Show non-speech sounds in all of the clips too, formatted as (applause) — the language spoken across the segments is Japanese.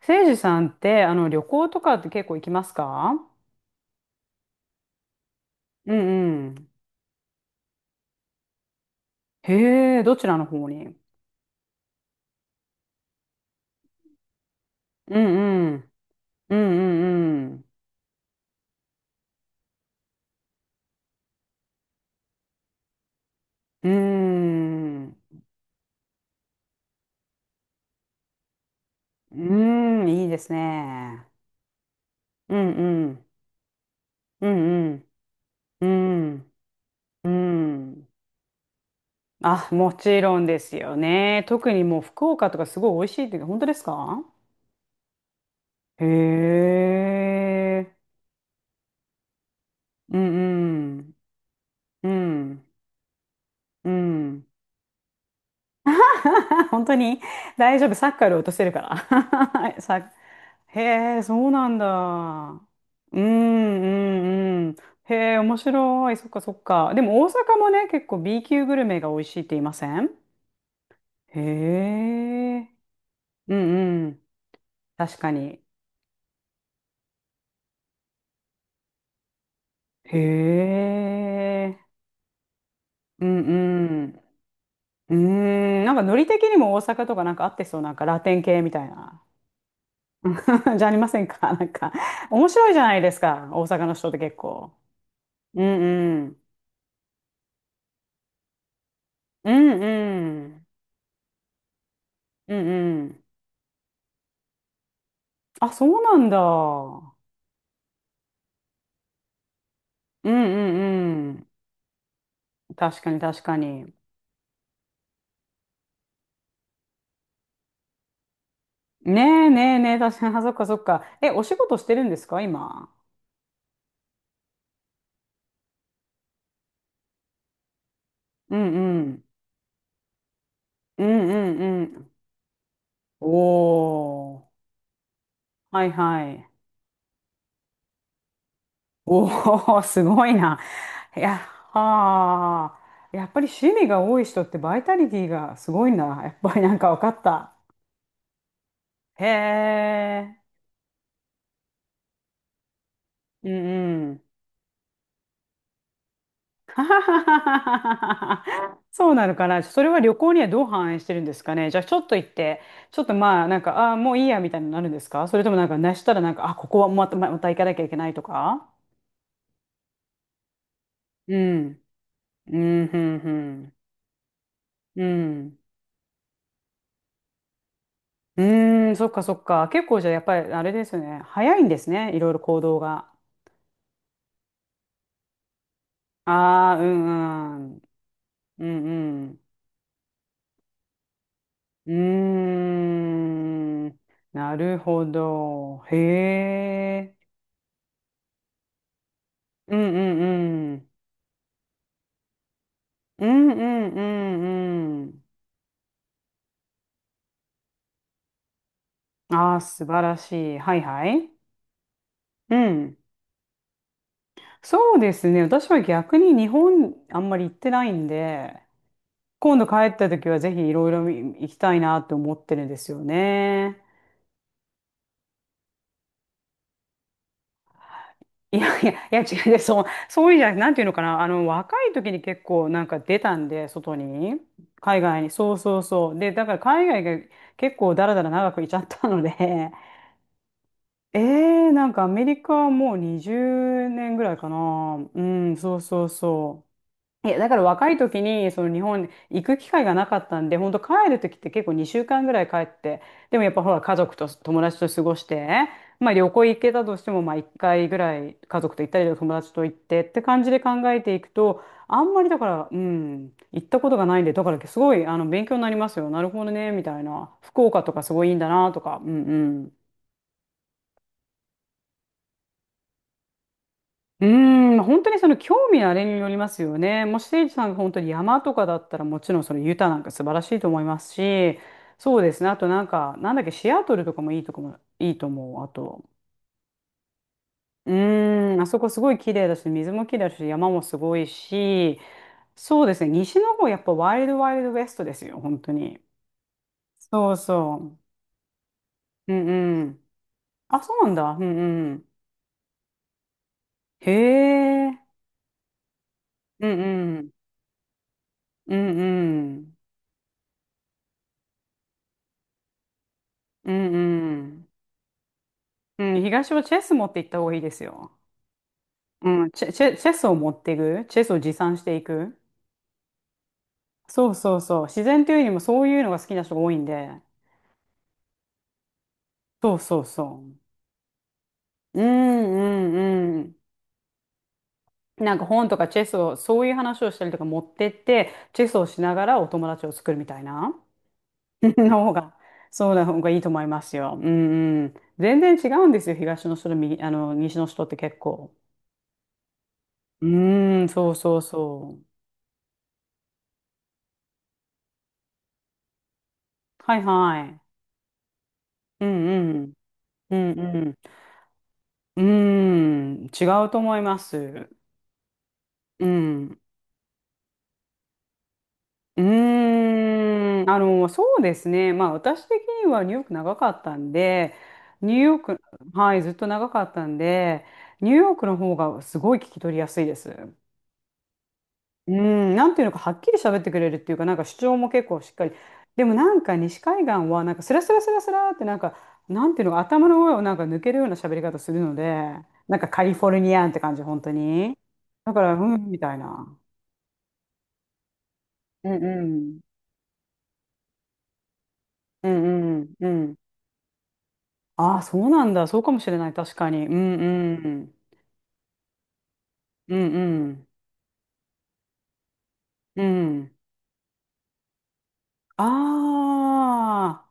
せいじさんって、旅行とかって結構行きますか？うんうん。へえ、どちらの方に？うんうん。うんうんうん。うーん。うーん、いいですね。うんうん。うんうん。うん。うん。あ、もちろんですよね。特にもう福岡とかすごい美味しいっていうか、本当ですか？へえ。うんうん。うん。うん。(laughs) 本当に大丈夫。サッカーより落とせるから。(laughs) へえ、そうなんだ。うんうんうん。へえ、面白い。そっかそっか。でも大阪もね、結構 B 級グルメが美味しいって言いません？へえ。うんうん。確かに。へえ。うんうん。うーん、なんかノリ的にも大阪とかなんか合ってそう、なんかラテン系みたいな。(laughs) じゃありませんかなんか。面白いじゃないですか、大阪の人って結構。うんうん。うんうん。うんうん。あ、そうなんだ。うんうんうん。確かに確かに。ねえねえねえ、確かに。(laughs) あ、そっかそっか。え、お仕事してるんですか、今？うんうん。うんうんうん。おー。はいはい。おー、(laughs) すごいな。いや、はあ。やっぱり趣味が多い人ってバイタリティがすごいな。やっぱりなんか分かった。へえ。うんうん。(laughs) はははははそうなのかな。それは旅行にはどう反映してるんですかね。じゃあちょっと行って、ちょっとまあなんか、ああー、もういいやみたいになるんですかそれともなんか、なしたらなんか、あ、ここはまた、ままた行かなきゃいけないとか？うん。うん、うん、うん。うん。うーん、そっかそっか。結構じゃあやっぱりあれですよね。早いんですね。いろいろ行動が。ああ、うん、うん。うんうん。うーん。なるほど。へえ。うんうんうん。うんうんうんうん。ああ、素晴らしい。はいはい。うん。そうですね。私は逆に日本あんまり行ってないんで、今度帰った時はぜひいろいろ行きたいなって思ってるんですよね。いやいや、いや違うで、そう、そういうんじゃなくて、なんていうのかな。若い時に結構なんか出たんで、外に。海外に。そうそうそう。で、だから海外が結構だらだら長くいちゃったので、ええなんかアメリカはもう20年ぐらいかな。うん、そうそうそう。いや、だから若い時に、その日本に行く機会がなかったんで、本当帰る時って結構2週間ぐらい帰って、でもやっぱほら家族と友達と過ごして、まあ旅行行けたとしても、まあ1回ぐらい家族と行ったり友達と行ってって感じで考えていくと、あんまりだから、うん、行ったことがないんで、だからすごい勉強になりますよ。なるほどね、みたいな。福岡とかすごいいいんだなとか、うんうん。うーん、本当にその興味のあれによりますよね。もし誠治さんが本当に山とかだったらもちろんそのユタなんか素晴らしいと思いますし、そうですね。あとなんか、なんだっけ、シアトルとかもいいとこも、いいと思う。あと、うーん、あそこすごい綺麗だし、水も綺麗だし、山もすごいし、そうですね。西の方やっぱワイルドワイルドウェストですよ、本当に。そうそう。うんうん。あ、そうなんだ。うんうん。へえ。うんうん。うんうん。うんうん。うん、東はチェス持って行った方がいいですよ。うん、チェスを持っていく。チェスを持参していく。そうそうそう。自然というよりもそういうのが好きな人が多いんで。そうそうそう。うんうんうん。なんか本とかチェスを、そういう話をしたりとか持ってって、チェスをしながらお友達を作るみたいな (laughs) の方が、そうな方がいいと思いますよ。うんうん。全然違うんですよ。東の人と右、あの、西の人って結構。うん、そうそうそう。はいはい。うんうん。うんうん。うーん、違うと思います。うん。うーん、そうですね。まあ、私的にはニューヨーク長かったんで、ニューヨーク、はい、ずっと長かったんで、ニューヨークの方がすごい聞き取りやすいです。うん、なんていうのか、はっきり喋ってくれるっていうか、なんか主張も結構しっかり。でもなんか西海岸は、なんかスラスラスラスラって、なんか、なんていうのか、頭の上をなんか抜けるような喋り方するので、なんかカリフォルニアンって感じ、本当に。だから、うん、みたいな。うんうん。うんうんうん。ああ、そうなんだ。そうかもしれない。確かに。うんうん。うんうん。うん。ああ。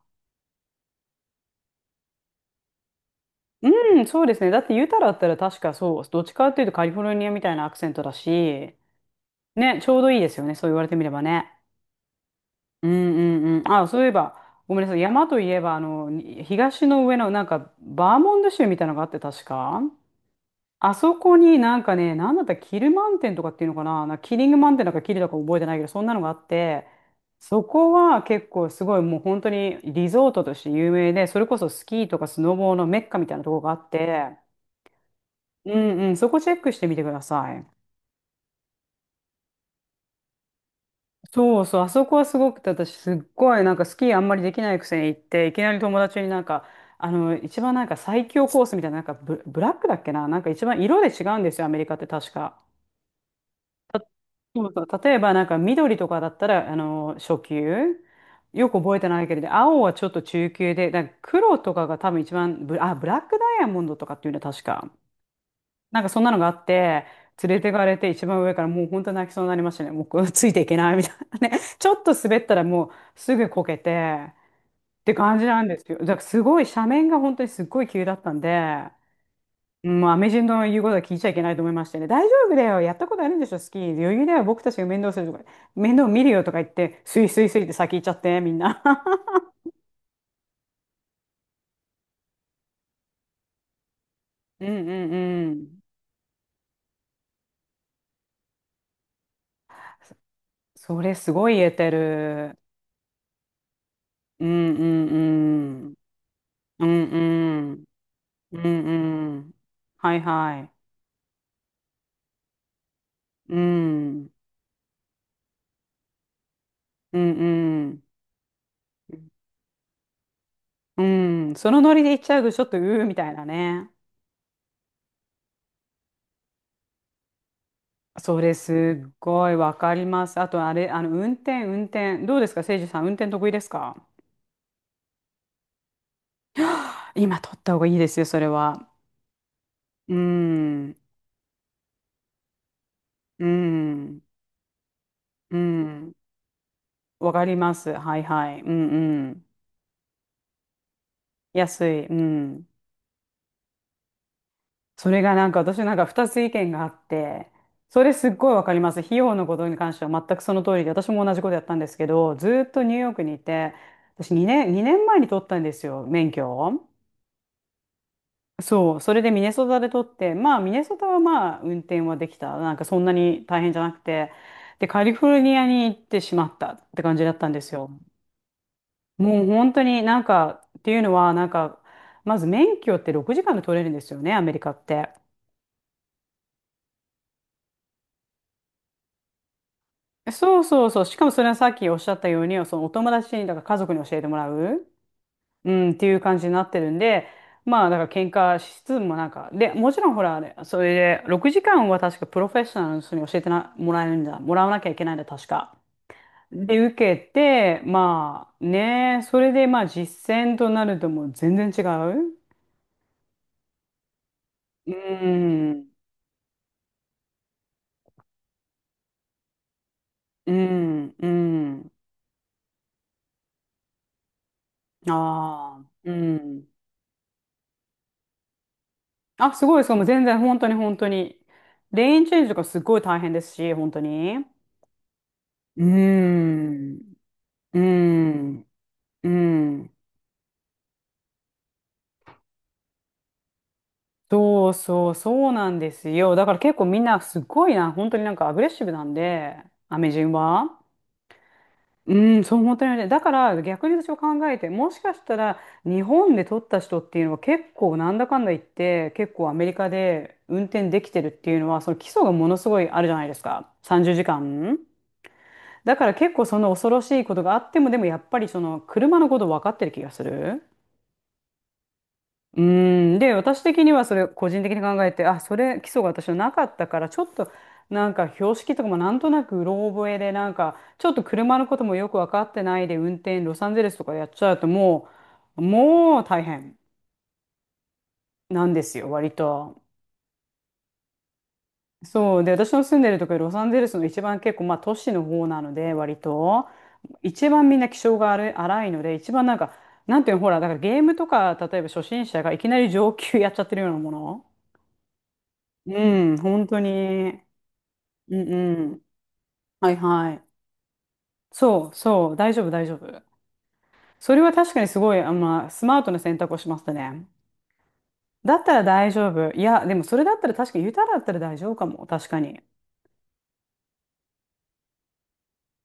うん、そうですね。だって言うたらあったら確かそう、どっちかっていうとカリフォルニアみたいなアクセントだし、ね、ちょうどいいですよね。そう言われてみればね。うんうんうん。あ、そういえば、ごめんなさい。山といえば、東の上の、なんか、バーモント州みたいなのがあって、確か。あそこになんかね、なんだったらキルマンテンとかっていうのかな、なんかキリングマンテンなんかキルだか覚えてないけど、そんなのがあって、そこは結構すごいもう本当にリゾートとして有名で、それこそスキーとかスノボーのメッカみたいなとこがあって、うんうん、そこチェックしてみてください。そうそう、あそこはすごくて、私すっごいなんかスキーあんまりできないくせに行って、いきなり友達になんか、一番なんか最強コースみたいな、なんかブラックだっけな、なんか一番色で違うんですよ、アメリカって確か。たそうそう、例えばなんか緑とかだったら、初級。よく覚えてないけれど、青はちょっと中級で、なんか黒とかが多分一番ブラックダイヤモンドとかっていうのは確か。なんかそんなのがあって、連れてかれて一番上からもう本当泣きそうになりましたね。もう (laughs) ついていけないみたいなね。(laughs) ちょっと滑ったらもうすぐこけてって感じなんですよ。だからすごい斜面が本当にすっごい急だったんで、もうアメ人の言うことは聞いちゃいけないと思いましてね。大丈夫だよ。やったことあるんでしょ、スキー。余裕だよ。僕たちが面倒するとか、面倒見るよとか言って、スイスイスイって先行っちゃって、みんな。(laughs) うんうんうん。そそれすごい言えてる。うんうんうん。うんうん。うんうん。はいはい。うん。うんうん。うん。そのノリで行っちゃうと、ちょっと、うーみたいなね。それすっごいわかります。あと、あれ、運転。どうですか、せいじさん、運転得意ですか？今取った方がいいですよ、それは。うん。うん。うん。わかります。はいはい。うんうん。安い。うん。それがなんか私なんか二つ意見があって、それすっごいわかります。費用のことに関しては全くその通りで、私も同じことやったんですけど、ずーっとニューヨークにいて、私2年前に取ったんですよ、免許を。そう、それでミネソタで取って、まあミネソタはまあ運転はできた。なんかそんなに大変じゃなくて、で、カリフォルニアに行ってしまったって感じだったんですよ。もう本当になんか、っていうのはなんか、まず免許って6時間で取れるんですよね、アメリカって。そうそうそう。しかもそれはさっきおっしゃったように、そのお友達に、だから家族に教えてもらう、うん、っていう感じになってるんで、まあ、だから喧嘩しつつもなんか、で、もちろんほら、あれそれで、6時間は確かプロフェッショナルの人に教えてな、もらえるんだ、もらわなきゃいけないんだ、確か。で、受けて、まあ、ね、それで、まあ、実践となるともう全然違う。うん、うん、うん、ああ、うん。あ、すごい、そう、もう全然、本当に本当に。レーンチェンジとかすごい大変ですし、本当に。うーん、うーん、うーん。そうそう、そうなんですよ。だから結構みんなすごいな、本当になんかアグレッシブなんで、アメ人は。うん、そう、本当にね。だから逆に私は考えて、もしかしたら日本で取った人っていうのは結構なんだかんだ言って、結構アメリカで運転できてるっていうのは、その基礎がものすごいあるじゃないですか。30時間。だから結構その恐ろしいことがあっても、でもやっぱりその車のこと分かってる気がする。うーん。で、私的にはそれ個人的に考えて、あ、それ基礎が私はなかったから、ちょっと標識とかもなんとなくうろ覚えで、なんかちょっと車のこともよく分かってないで運転、ロサンゼルスとかやっちゃうともう大変なんですよ、割と。そう。で、私の住んでるところ、ロサンゼルスの一番結構、まあ都市の方なので、割と。一番みんな気性が荒い荒いので、一番なんか、なんていうの、ほら、だからゲームとか、例えば初心者がいきなり上級やっちゃってるようなもの。うん、本当に。うんうん。はいはい。そうそう、大丈夫大丈夫。それは確かにすごい、あ、まあ、スマートな選択をしましたね。だったら大丈夫。いや、でもそれだったら確かに、ユタだったら大丈夫かも。確かに。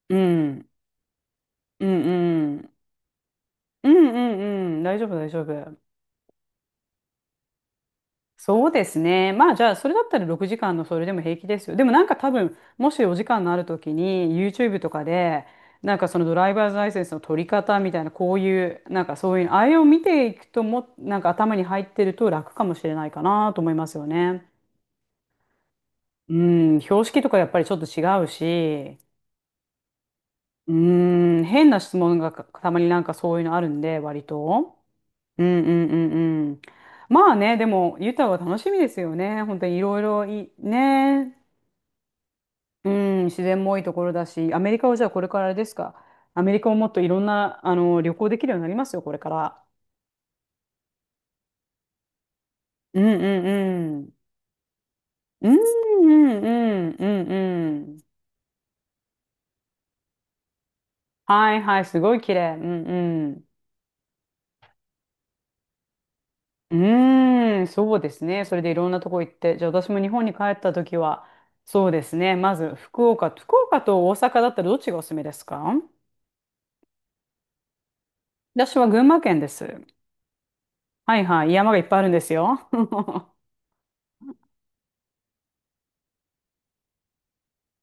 うん。うんうん。うんうんうん。大丈夫大丈夫。そうですね。まあじゃあ、それだったら6時間のそれでも平気ですよ。でもなんか多分、もしお時間のあるときに YouTube とかで、なんかそのドライバーズライセンスの取り方みたいな、こういう、なんかそういうの、あれを見ていくとも、なんか頭に入ってると楽かもしれないかなと思いますよね。うん、標識とかやっぱりちょっと違うし、うん、変な質問がかたまになんかそういうのあるんで、割と。うんうんうんうん。まあね、でも、ユタは楽しみですよね。本当にいろいろい、ね、うん、自然も多いところだし、アメリカはじゃあこれからあれですか？アメリカをもっといろんな、あの、旅行できるようになりますよ、これから。うんうんうん。うんうんうんうんうん。はいはい、すごい綺麗。うんうん。うーん、そうですね。それでいろんなとこ行って。じゃあ私も日本に帰った時は、そうですね。まず福岡と大阪だったらどっちがおすすめですか？私は群馬県です。はいはい、山がいっぱいあるんですよ。(laughs)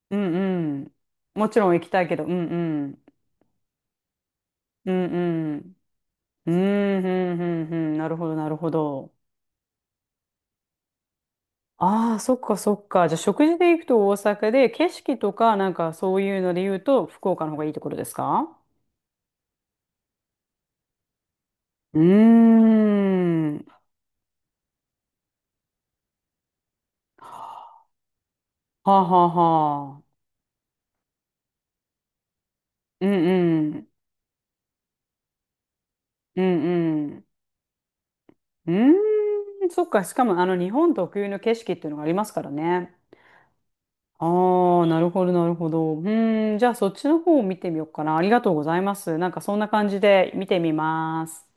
うんうん。もちろん行きたいけど、うんうん。うんうん。うん、うん、うん、うん。なるほど、なるほど。ああ、そっか、そっか。じゃあ、食事で行くと大阪で、景色とか、なんかそういうので言うと、福岡の方がいいところですか？うーん。はあ、はあ、はあ。うんうん。うんうん。うーん、そっか。しかも、あの、日本特有の景色っていうのがありますからね。ああ、なるほど、なるほど。うーん、じゃあそっちの方を見てみようかな。ありがとうございます。なんかそんな感じで見てみます。